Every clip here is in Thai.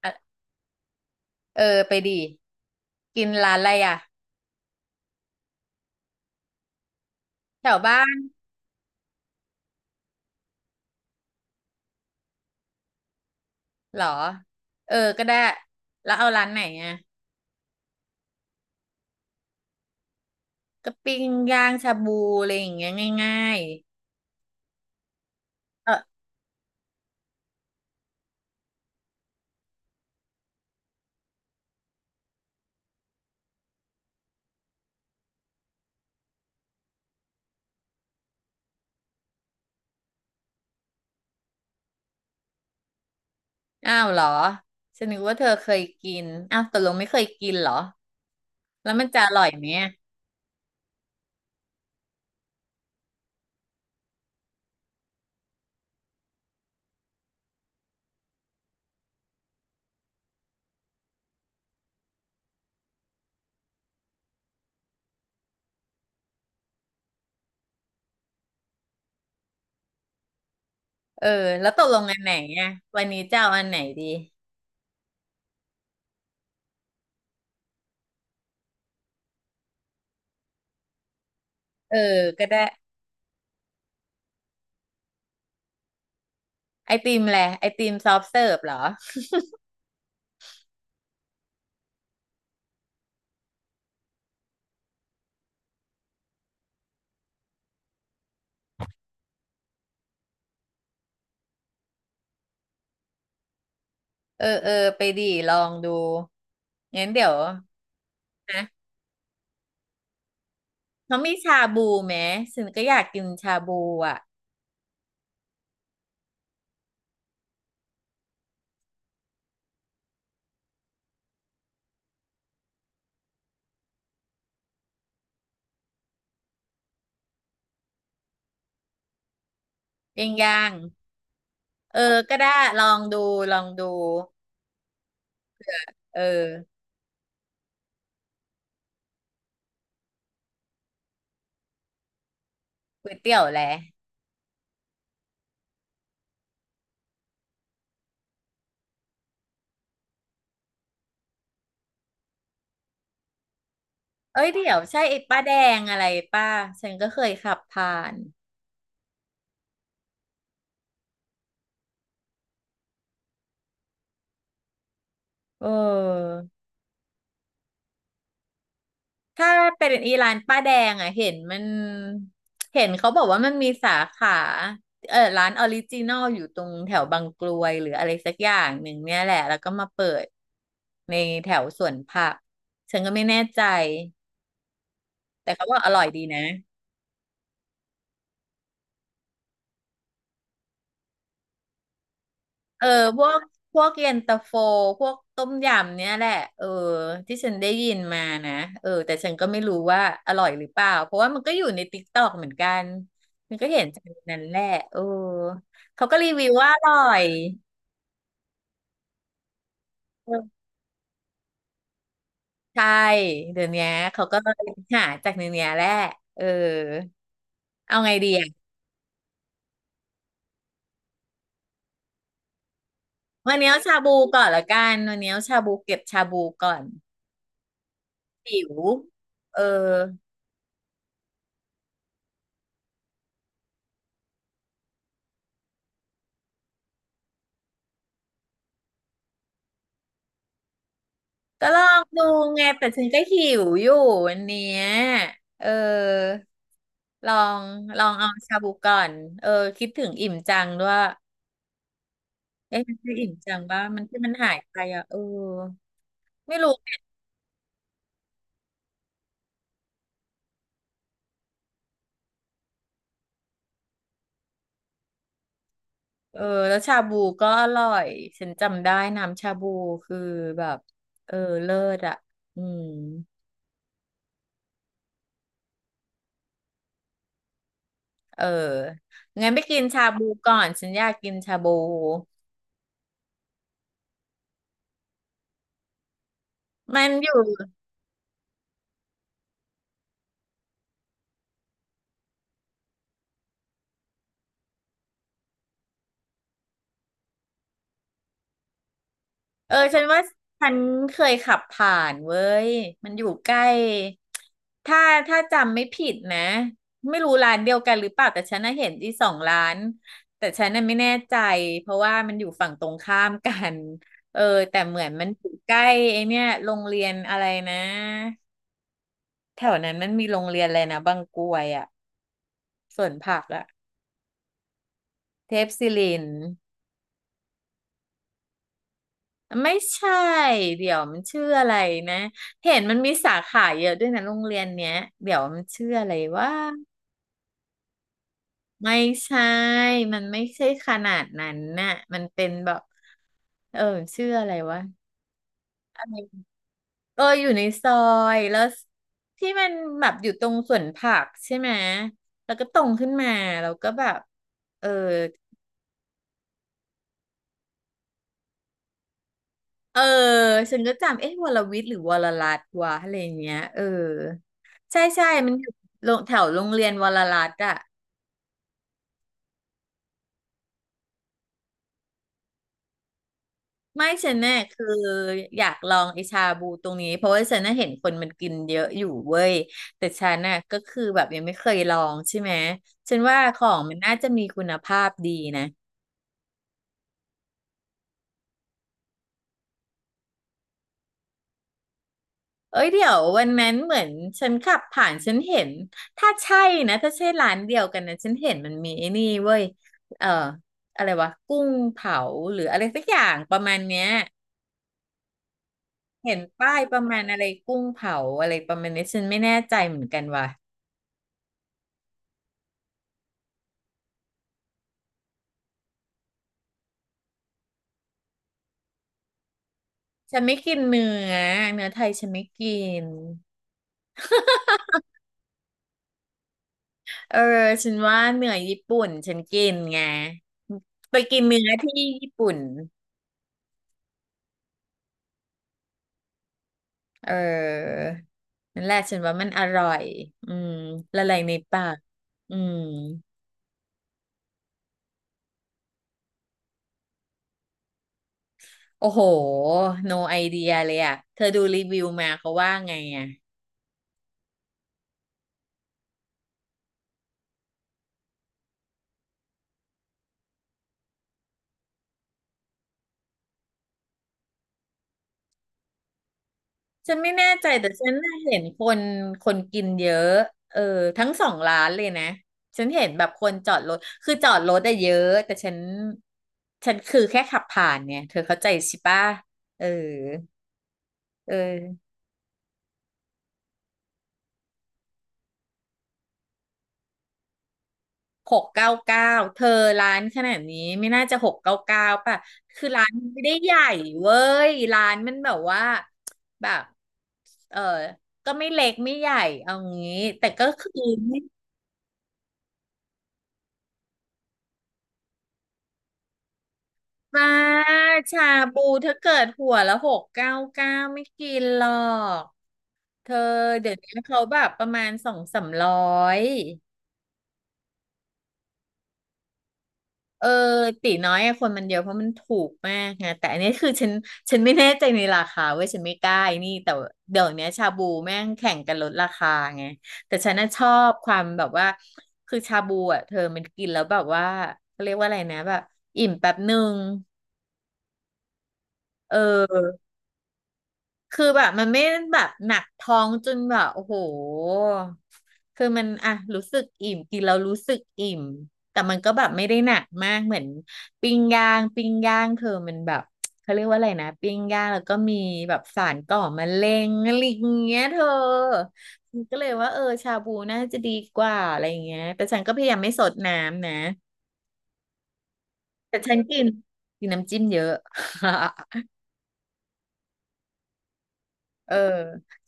เออเออไปดีกินร้านอะไรอ่ะแถวบ้านเหรอเออก็ได้แล้วเอาร้านไหนอ่ะก็ปิ้งย่างชาบูอะไรอย่างเงี้ยง่ายๆเอออ้าวเหรอฉันนึกว่าเธอเคยกินอ้าวตกลงไม่เคยกินเหรอแล้วมันจะอร่อยไหมอะเออแล้วตกลงอันไหนอ่ะวันนี้จะเอาอันไหนดีเออก็ได้ไอติมแหละไอติมซอฟต์เสิร์ฟเหรอเออไปดีลองดูงั้นเดี๋ยวนะ เขามีชาบูไหมฉันก็อยากกินชาบูอ่ะย่างย่างเออก็ได้ลองดูลองดูเออก๋วยเตี๋ยวแหละเอ้ยเดี๋ยวใช่ไอ้ป้าแดงอะไรป้าฉันก็เคยขับผ่านเออถ้าเป็นอีร้านป้าแดงอ่ะเห็นมันเห็นเขาบอกว่ามันมีสาขาเออร้านออริจินอลอยู่ตรงแถวบางกรวยหรืออะไรสักอย่างหนึ่งเนี่ยแหละแล้วก็มาเปิดในแถวสวนผักฉันก็ไม่แน่ใจ แต่เขาบอกอร่อยดีนะเออพวกพวกเย็นตาโฟพวกต้มยำเนี่ยแหละเออที่ฉันได้ยินมานะเออแต่ฉันก็ไม่รู้ว่าอร่อยหรือเปล่าเพราะว่ามันก็อยู่ในติ๊กต็อกเหมือนกันมันก็เห็นจากนั้นแหละเออเขาก็รีวิวว่าอร่อยเออใช่เดี๋ยวเนี้ยเขาก็หาจากในเนี้ยแหละเออเอาไงดีอะวันนี้เอาชาบูก่อนละกันวันนี้เอาชาบูเก็บชาบูก่อนหิวเออ ก็ลองดูไงแต่ฉันก็หิวอยู่วันเนี้ยเออลองลองเอาชาบูก่อนเออคิดถึงอิ่มจังด้วยเอ๊ะมันคืออิ่มจังป่ะมันที่มันหายไปอ่ะเออไม่รู้เออแล้วชาบูก็อร่อยฉันจำได้น้ำชาบูคือแบบเออเลิศอ่ะอืมเอองั้นไปกินชาบูก่อนฉันอยากกินชาบูมันอยู่ เออฉันว่าฉันเคยขับผ่านเว้ยมันอยู่ใกล้ถ้าจำไม่ผิดนะไม่รู้ร้านเดียวกันหรือเปล่าแต่ฉันน่ะเห็นที่สองร้านแต่ฉันน่ะไม่แน่ใจเพราะว่ามันอยู่ฝั่งตรงข้ามกันเออแต่เหมือนมันอยู่ใกล้ไอเนี่ยโรงเรียนอะไรนะแถวนั้นมันมีโรงเรียนอะไรนะบางกรวยอะสวนผักอะเทพศิริน ไม่ใช่เดี๋ยวมันชื่ออะไรนะเห็นมันมีสาขาเยอะด้วยนะโรงเรียนเนี้ยเดี๋ยวมันชื่ออะไรว่าไม่ใช่มันไม่ใช่ขนาดนั้นน่ะมันเป็นแบบเออชื่ออะไรวะอะไรเอออยู่ในซอยแล้วที่มันแบบอยู่ตรงสวนผักใช่ไหมแล้วก็ตรงขึ้นมาแล้วก็แบบเออ เออฉันก็จำเอ๊ะวรวิทย์หรือวรรัตน์วะอะไรอย่างเงี้ยเออใช่มันอยู่โรงแถวโรงเรียนวรรัตน์อะไม่ฉันเนี่ยคืออยากลองไอชาบูตรงนี้เพราะว่าฉันน่ะเห็นคนมันกินเยอะอยู่เว้ยแต่ฉันน่ะก็คือแบบยังไม่เคยลองใช่ไหมฉันว่าของมันน่าจะมีคุณภาพดีนะ เอ้ยเดี๋ยววันนั้นเหมือนฉันขับผ่านฉันเห็นถ้าใช่นะถ้าใช่ร้านเดียวกันนะฉันเห็นมันมีไอ้นี่เว้ยเอ่ออะไรวะกุ้งเผาหรืออะไรสักอย่างประมาณเนี้ยเห็นป้ายประมาณอะไรกุ้งเผาอะไรประมาณนี้ฉันไม่แน่ใจเหมือนกันว่ะฉันไม่กินเนื้อเนื้อไทยฉันไม่กินเออฉันว่าเนื้อญี่ปุ่นฉันกินไงไปกินเนื้อที่ญี่ปุ่น เออนั่นแหละฉันว่ามันอร่อยอืมละลายในปากอืมโอ้โห no idea เลยอ่ะเธอดูรีวิวมาเขาว่าไงอ่ะฉันไม่แน่ใจแต่ฉันน่ะเห็นคนกินเยอะเออทั้งสองร้านเลยนะ ฉันเห็นแบบคนจอดรถคือจอดรถอะเยอะแต่ฉันคือแค่ขับผ่านเนี่ยเธอเข้าใจใช่ปะเออเออ หกเก้าเก้าเธอร้านขนาดนี้ไม่น่าจะหกเก้าเก้าป่ะคือร้านมันไม่ได้ใหญ่เว้ยร้านมันแบบว่าแบบเออก็ไม่เล็กไม่ใหญ่เอางี้แต่ก็คือไม่มาชาบูถ้าเกิดหัวละหกเก้าเก้าไม่กินหรอกเธอเดี๋ยวนี้เขาแบบประมาณ200-300 เออตีน้อยอะคนมันเยอะเพราะมันถูกมากไงแต่อันนี้คือฉันไม่แน่ใจในราคาเว้ยฉันไม่กล้าไอ้นี่แต่เดี๋ยวเนี้ยชาบูแม่งแข่งกันลดราคาไงแต่ฉันน่ะชอบความแบบว่าคือชาบูอ่ะเธอมันกินแล้วแบบว่าเขาเรียกว่าอะไรนะแบบอิ่มแป๊บหนึ่งเออ คือแบบมันไม่แบบหนักท้องจนแบบโอ้โหคือมันอ่ะรู้สึกอิ่มกินแล้วรู้สึกอิ่มแต่มันก็แบบไม่ได้หนักมากเหมือนปิ้งย่างปิ้งย่างเธอมันแบบเขาเรียกว่าอะไรนะปิ้งย่างแล้วก็มีแบบสารก่อมะเร็งอะไรอย่างเงี้ยเธอฉันก็เลยว่าเออชาบูน่าจะดีกว่าอะไรอย่างเงี้ยแต่ฉันก็พยายามไม่สดน้ำนะแต่ฉันกินกินน้ำจิ้มเยอะ เออ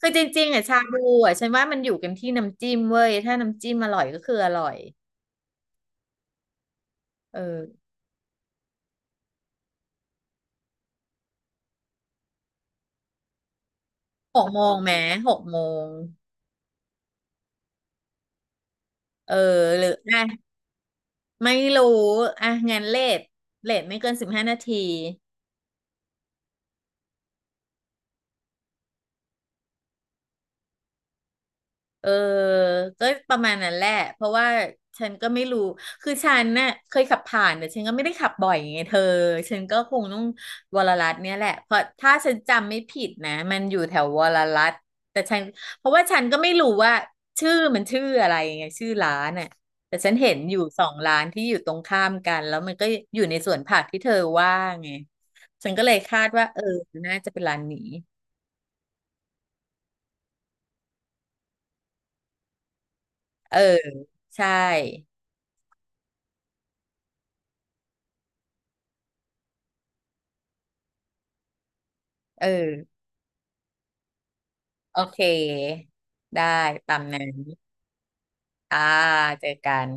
คือจริงๆอ่ะชาบูอ่ะฉันว่ามันอยู่กันที่น้ำจิ้มเว้ยถ้าน้ำจิ้มอร่อยก็คืออร่อยเออหกโมงแม้หกโมงเออหรืออ่ะไม่รู้อ่ะงั้นเลทเลทไม่เกิน15 นาที เออก็ประมาณนั้นแหละเพราะว่าฉันก็ไม่รู้ คือฉันน่ะเคยขับผ่านแต่ฉันก็ไม่ได้ขับบ่อยไงเธอ ฉันก็คงต้องวรรัตน์เนี่ยแหละเพราะถ้าฉันจำไม่ผิดนะมันอยู่แถววรรัตน์แต่ฉันเพราะว่าฉันก็ไม่รู้ว่าชื่อมันชื่ออะไรไงชื่อร้านน่ะแต่ฉันเห็นอยู่สองร้านที่อยู่ตรงข้ามกันแล้วมันก็อยู่ในสวนผักที่เธอว่าไงฉันก็เลยคาดว่าเออน่าจะเป็นร้านนี้เออใช่เออ โอเค ได้ ตามนั้นอ่าเจอกัน